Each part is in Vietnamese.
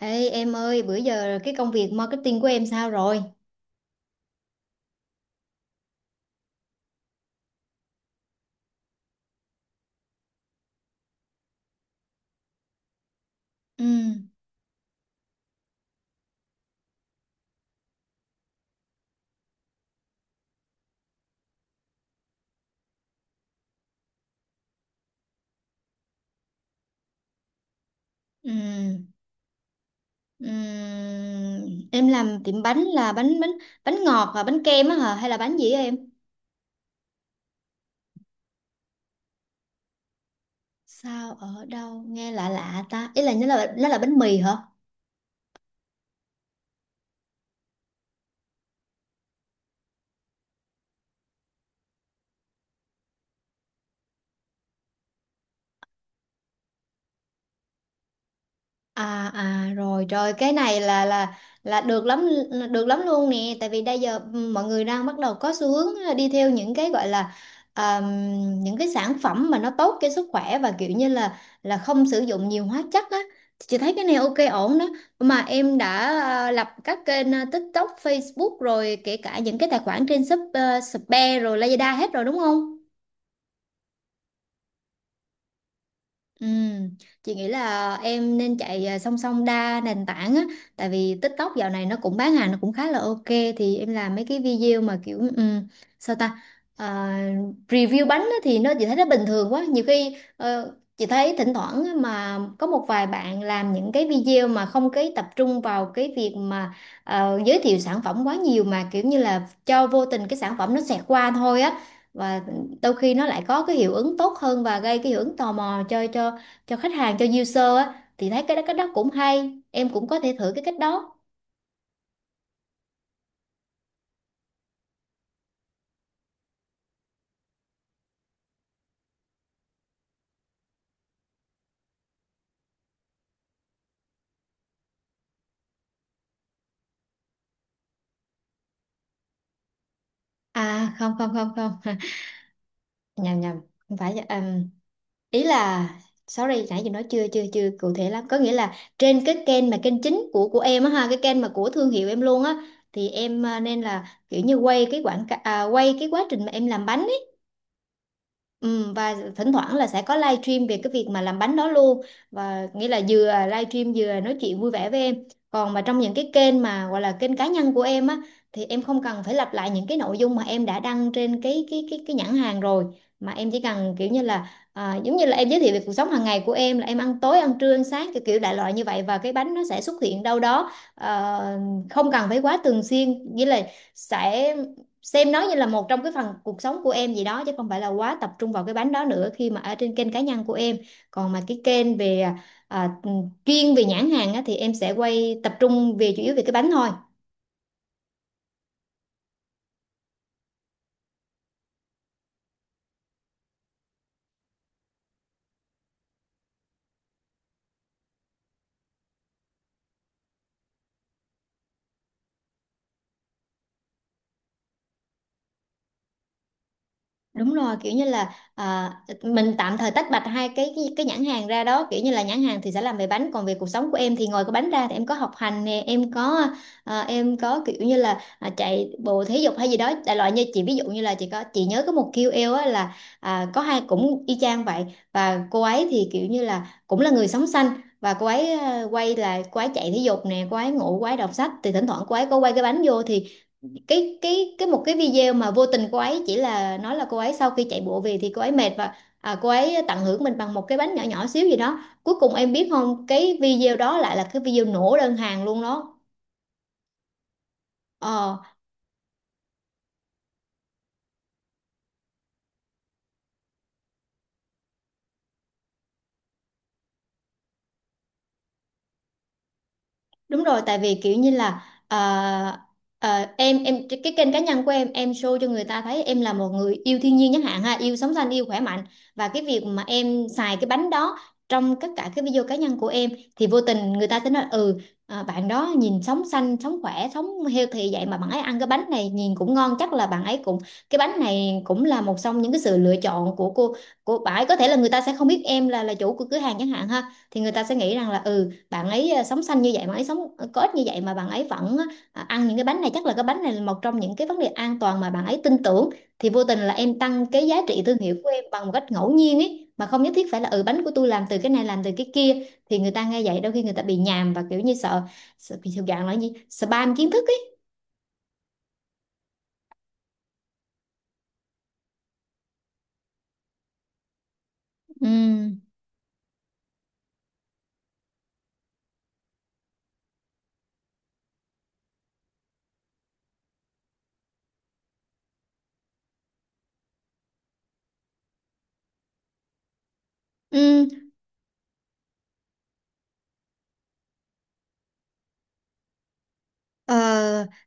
Ê em ơi, bữa giờ cái công việc marketing của em sao rồi? Ừ, ừ, ừ. Em làm tiệm bánh là bánh bánh bánh ngọt và bánh kem á hả? Hay là bánh gì á em? Sao ở đâu nghe lạ lạ ta? Ý là nó là bánh mì hả? À à rồi rồi cái này là được lắm, được lắm luôn nè. Tại vì bây giờ ừ, mọi người đang bắt đầu có xu hướng à, đi theo những cái gọi là um, những cái sản phẩm mà nó tốt cho sức khỏe và kiểu như là không sử dụng nhiều hóa chất á. Chị thấy cái này ok ổn đó. Mà em đã à, lập các kênh à, TikTok, Facebook rồi kể cả những cái tài khoản trên Shop, Shopee rồi Lazada hết rồi đúng không? Ừm, chị nghĩ là em nên chạy à, song song đa nền tảng á, tại vì TikTok dạo này nó cũng bán hàng nó cũng khá là ok. Thì em làm mấy cái video mà kiểu sao ta. À, review bánh á, thì nó chị thấy nó bình thường quá. Nhiều khi ờ, chị thấy thỉnh thoảng á, mà có một vài bạn làm những cái video mà không cái tập trung vào cái việc mà ờ, giới thiệu sản phẩm quá nhiều mà kiểu như là cho vô tình cái sản phẩm nó xẹt qua thôi á, và đôi khi nó lại có cái hiệu ứng tốt hơn và gây cái hiệu ứng tò mò cho khách hàng, cho user á, thì thấy cái đó cũng hay, em cũng có thể thử cái cách đó. À không không không không nhầm nhầm, không phải ý là sorry nãy giờ nói chưa chưa chưa cụ thể lắm. Có nghĩa là trên cái kênh mà kênh chính của em á ha, cái kênh mà của thương hiệu em luôn á, thì em à, nên là kiểu như quay cái quảng cáo à, quay cái quá trình mà em làm bánh. Ừ, và thỉnh thoảng là sẽ có live stream về cái việc mà làm bánh đó luôn, và nghĩa là vừa live stream vừa nói chuyện vui vẻ với em. Còn mà trong những cái kênh mà gọi là kênh cá nhân của em á, thì em không cần phải lặp lại những cái nội dung mà em đã đăng trên cái nhãn hàng rồi, mà em chỉ cần kiểu như là à, giống như là em giới thiệu về cuộc sống hàng ngày của em, là em ăn tối ăn trưa ăn sáng kiểu kiểu đại loại như vậy, và cái bánh nó sẽ xuất hiện đâu đó. Ờ, không cần phải quá thường xuyên, nghĩa là sẽ xem nó như là một trong cái phần cuộc sống của em gì đó, chứ không phải là quá tập trung vào cái bánh đó nữa khi mà ở trên kênh cá nhân của em. Còn mà cái kênh về à, ừ, chuyên về nhãn hàng á, thì em sẽ quay tập trung về chủ yếu về cái bánh thôi. Đúng rồi, kiểu như là à, mình tạm thời tách bạch hai cái, cái nhãn hàng ra đó, kiểu như là nhãn hàng thì sẽ làm về bánh, còn về cuộc sống của em thì ngoài cái bánh ra thì em có học hành nè, em có à, em có kiểu như là à, chạy bộ thể dục hay gì đó đại loại. Như chị ví dụ như là chị có, chị nhớ có một KOL á, là à, có hai cũng y chang vậy. Và cô ấy thì kiểu như là cũng là người sống xanh, và cô ấy à, quay là cô ấy chạy thể dục nè, cô ấy ngủ, cô ấy đọc sách, thì thỉnh thoảng cô ấy có quay cái bánh vô, thì cái một cái video mà vô tình cô ấy chỉ là nói là cô ấy sau khi chạy bộ về thì cô ấy mệt, và à, cô ấy tận hưởng mình bằng một cái bánh nhỏ nhỏ xíu gì đó, cuối cùng em biết không, cái video đó lại là cái video nổ đơn hàng luôn đó. Ờ. Đúng rồi, tại vì kiểu như là ờ, ờ, em cái kênh cá nhân của em show cho người ta thấy em là một người yêu thiên nhiên chẳng hạn ha, yêu sống xanh, yêu khỏe mạnh. Và cái việc mà em xài cái bánh đó trong tất cả cái video cá nhân của em, thì vô tình người ta sẽ nói ừ à, bạn đó nhìn sống xanh, sống khỏe, sống healthy vậy mà bạn ấy ăn cái bánh này nhìn cũng ngon, chắc là bạn ấy cũng, cái bánh này cũng là một trong những cái sự lựa chọn của cô, của bạn ấy. Có thể là người ta sẽ không biết em là chủ của cửa hàng chẳng hạn ha, thì người ta sẽ nghĩ rằng là ừ, bạn ấy ờ, sống xanh như vậy, bạn ấy sống ờ, có ích như vậy mà bạn ấy vẫn ờ, ăn những cái bánh này, chắc là cái bánh này là một trong những cái vấn đề an toàn mà bạn ấy tin tưởng. Thì vô tình là em tăng cái giá trị thương hiệu của em bằng một cách ngẫu nhiên ấy, mà không nhất thiết phải là ừ bánh của tôi làm từ cái này làm từ cái kia, thì người ta nghe vậy đôi khi người ta bị nhàm, và kiểu như sợ, sợ bị thuộc dạng là gì, spam kiến thức ấy. Ừ. Ừ. Ờ,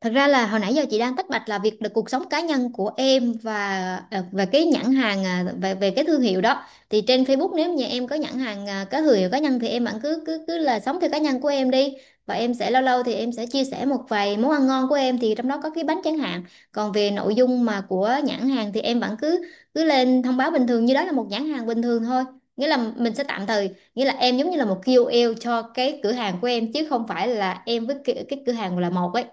thật ra là hồi nãy giờ chị đang tách bạch là việc được cuộc sống cá nhân của em và ờ, và cái nhãn hàng à, về về cái thương hiệu đó. Thì trên Facebook nếu như em có nhãn hàng à, có thương hiệu cá nhân thì em vẫn cứ cứ cứ là sống theo cá nhân của em đi, và em sẽ lâu lâu thì em sẽ chia sẻ một vài món ăn ngon của em, thì trong đó có cái bánh chẳng hạn. Còn về nội dung mà của nhãn hàng thì em vẫn cứ cứ lên thông báo bình thường như đó là một nhãn hàng bình thường thôi. Nghĩa là mình sẽ tạm thời, nghĩa là em giống như là một KOL cho cái cửa hàng của em, chứ không phải là em với cái cửa hàng là một ấy.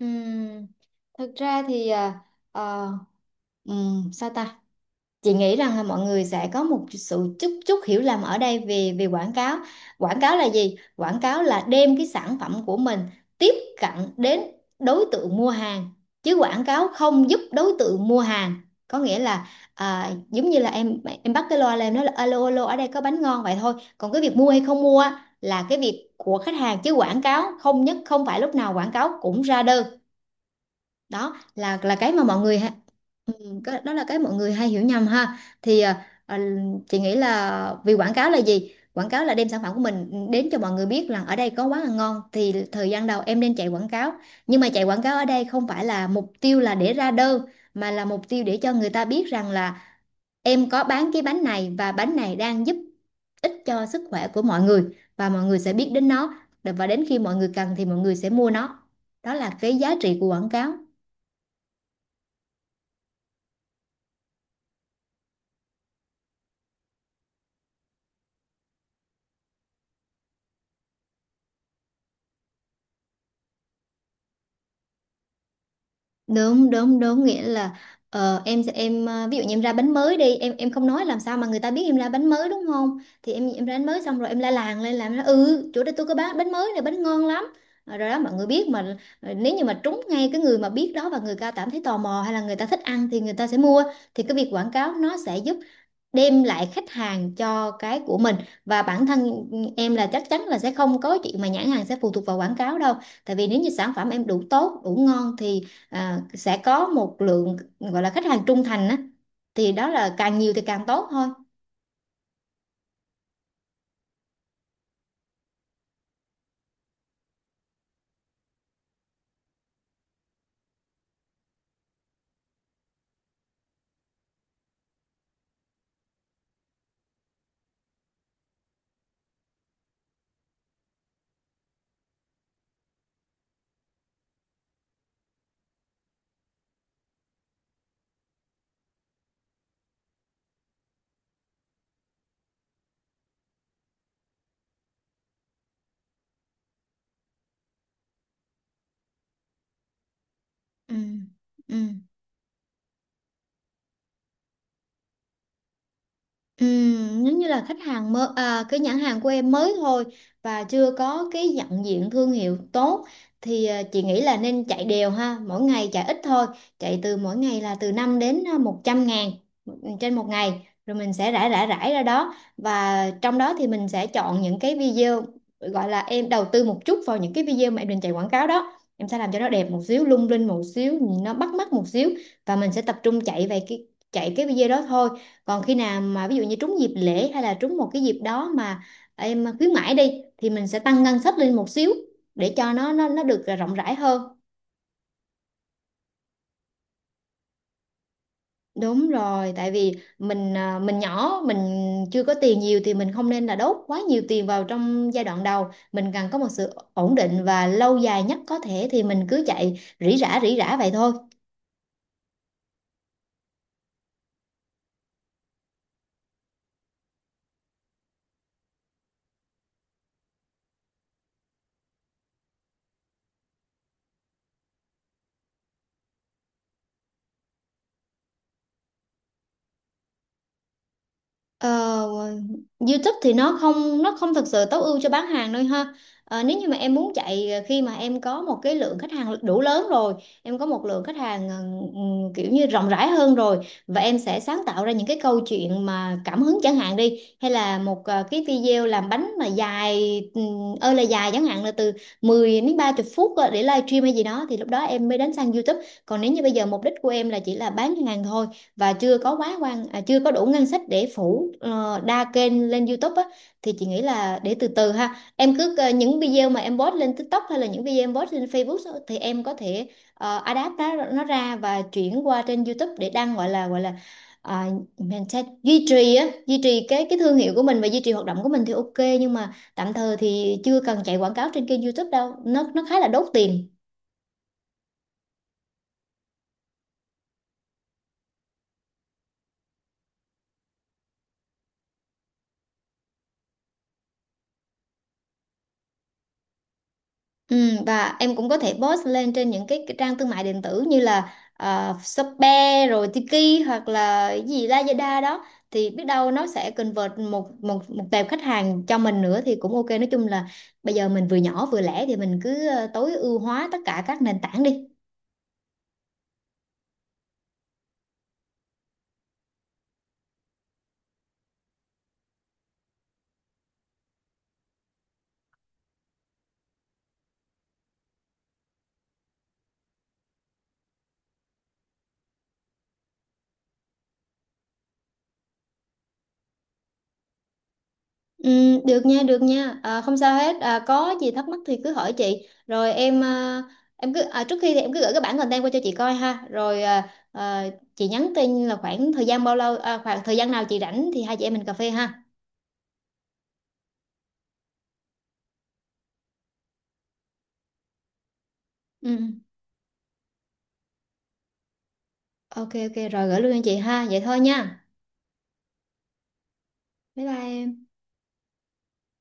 Ừm, thật ra thì à, ờ, sao ta, chị nghĩ rằng là mọi người sẽ có một sự chút chút hiểu lầm ở đây về về quảng cáo. Quảng cáo là gì? Quảng cáo là đem cái sản phẩm của mình tiếp cận đến đối tượng mua hàng, chứ quảng cáo không giúp đối tượng mua hàng. Có nghĩa là à, giống như là em bắt cái loa lên em nói là alo alo ở đây có bánh ngon, vậy thôi. Còn cái việc mua hay không mua á, là cái việc của khách hàng, chứ quảng cáo không nhất, không phải lúc nào quảng cáo cũng ra đơn. Đó là cái mà mọi người, đó là cái mọi người hay hiểu nhầm ha. Thì à, à, chị nghĩ là vì quảng cáo là gì, quảng cáo là đem sản phẩm của mình đến cho mọi người biết rằng ở đây có quán ăn ngon, thì thời gian đầu em nên chạy quảng cáo. Nhưng mà chạy quảng cáo ở đây không phải là mục tiêu là để ra đơn, mà là mục tiêu để cho người ta biết rằng là em có bán cái bánh này và bánh này đang giúp ích cho sức khỏe của mọi người, và mọi người sẽ biết đến nó, và đến khi mọi người cần thì mọi người sẽ mua nó. Đó là cái giá trị của quảng cáo. Đúng đúng đúng, nghĩa là ờ, em ờ, ví dụ như em ra bánh mới đi, em không nói làm sao mà người ta biết em ra bánh mới đúng không. Thì em ra bánh mới xong rồi em la làng lên làm nó, ừ chỗ đây tôi có bán bánh mới này, bánh ngon lắm. Ờ, rồi đó mọi người biết mà. Ờ, nếu như mà trúng ngay cái người mà biết đó và người ta cảm thấy tò mò hay là người ta thích ăn thì người ta sẽ mua. Thì cái việc quảng cáo nó sẽ giúp đem lại khách hàng cho cái của mình. Và bản thân em là chắc chắn là sẽ không có chuyện mà nhãn hàng sẽ phụ thuộc vào quảng cáo đâu, tại vì nếu như sản phẩm em đủ tốt đủ ngon thì à, sẽ có một lượng gọi là khách hàng trung thành á, thì đó là càng nhiều thì càng tốt thôi. Ừ. Ừ. Giống như là khách hàng mới, cái nhãn hàng của em mới thôi và chưa có cái nhận diện thương hiệu tốt thì chị nghĩ là nên chạy đều, ha, mỗi ngày chạy ít thôi, chạy từ mỗi ngày là từ 5 đến 100.000 trên một ngày. Rồi mình sẽ rải rải rải ra đó, và trong đó thì mình sẽ chọn những cái video, gọi là em đầu tư một chút vào những cái video mà em định chạy quảng cáo đó, em sẽ làm cho nó đẹp một xíu, lung linh một xíu, nó bắt mắt một xíu, và mình sẽ tập trung chạy về cái, chạy cái video đó thôi. Còn khi nào mà ví dụ như trúng dịp lễ hay là trúng một cái dịp đó mà em khuyến mãi đi, thì mình sẽ tăng ngân sách lên một xíu để cho nó được rộng rãi hơn. Đúng rồi, tại vì mình nhỏ, mình chưa có tiền nhiều thì mình không nên là đốt quá nhiều tiền vào trong giai đoạn đầu, mình cần có một sự ổn định và lâu dài nhất có thể, thì mình cứ chạy rỉ rả vậy thôi. Ờ, YouTube thì nó không thực sự tối ưu cho bán hàng đâu, ha. Nếu như mà em muốn khi mà em có một cái lượng khách hàng đủ lớn rồi, em có một lượng khách hàng kiểu như rộng rãi hơn rồi, và em sẽ sáng tạo ra những cái câu chuyện mà cảm hứng chẳng hạn đi, hay là một cái video làm bánh mà dài, ơi là dài, chẳng hạn là từ 10 đến 30 phút, để livestream hay gì đó, thì lúc đó em mới đến sang YouTube. Còn nếu như bây giờ mục đích của em là chỉ là bán hàng thôi và chưa có quá quan à, chưa có đủ ngân sách để phủ đa kênh lên YouTube á, thì chị nghĩ là để từ từ, ha, em cứ những video mà em post lên TikTok hay là những video em post lên Facebook á, thì em có thể adapt nó ra và chuyển qua trên YouTube để đăng, gọi là à, mình sẽ duy trì á, duy trì cái thương hiệu của mình và duy trì hoạt động của mình thì ok, nhưng mà tạm thời thì chưa cần chạy quảng cáo trên kênh YouTube đâu, nó khá là đốt tiền. Ừ, và em cũng có thể post lên trên những cái trang thương mại điện tử như là Shopee rồi Tiki hoặc là cái gì Lazada đó, thì biết đâu nó sẽ convert một một một tệp khách hàng cho mình nữa thì cũng ok. Nói chung là bây giờ mình vừa nhỏ vừa lẻ thì mình cứ tối ưu hóa tất cả các nền tảng đi. Ừ, được nha, được nha. À, không sao hết. À, có gì thắc mắc thì cứ hỏi chị. Rồi em, em cứ, trước khi thì em cứ gửi cái bản content qua cho chị coi, ha. Rồi, chị nhắn tin là khoảng thời gian nào chị rảnh thì hai chị em mình cà phê, ha. Ừ. Ừ. Ok ok, rồi gửi luôn cho chị, ha. Vậy thôi nha. Bye bye. Em.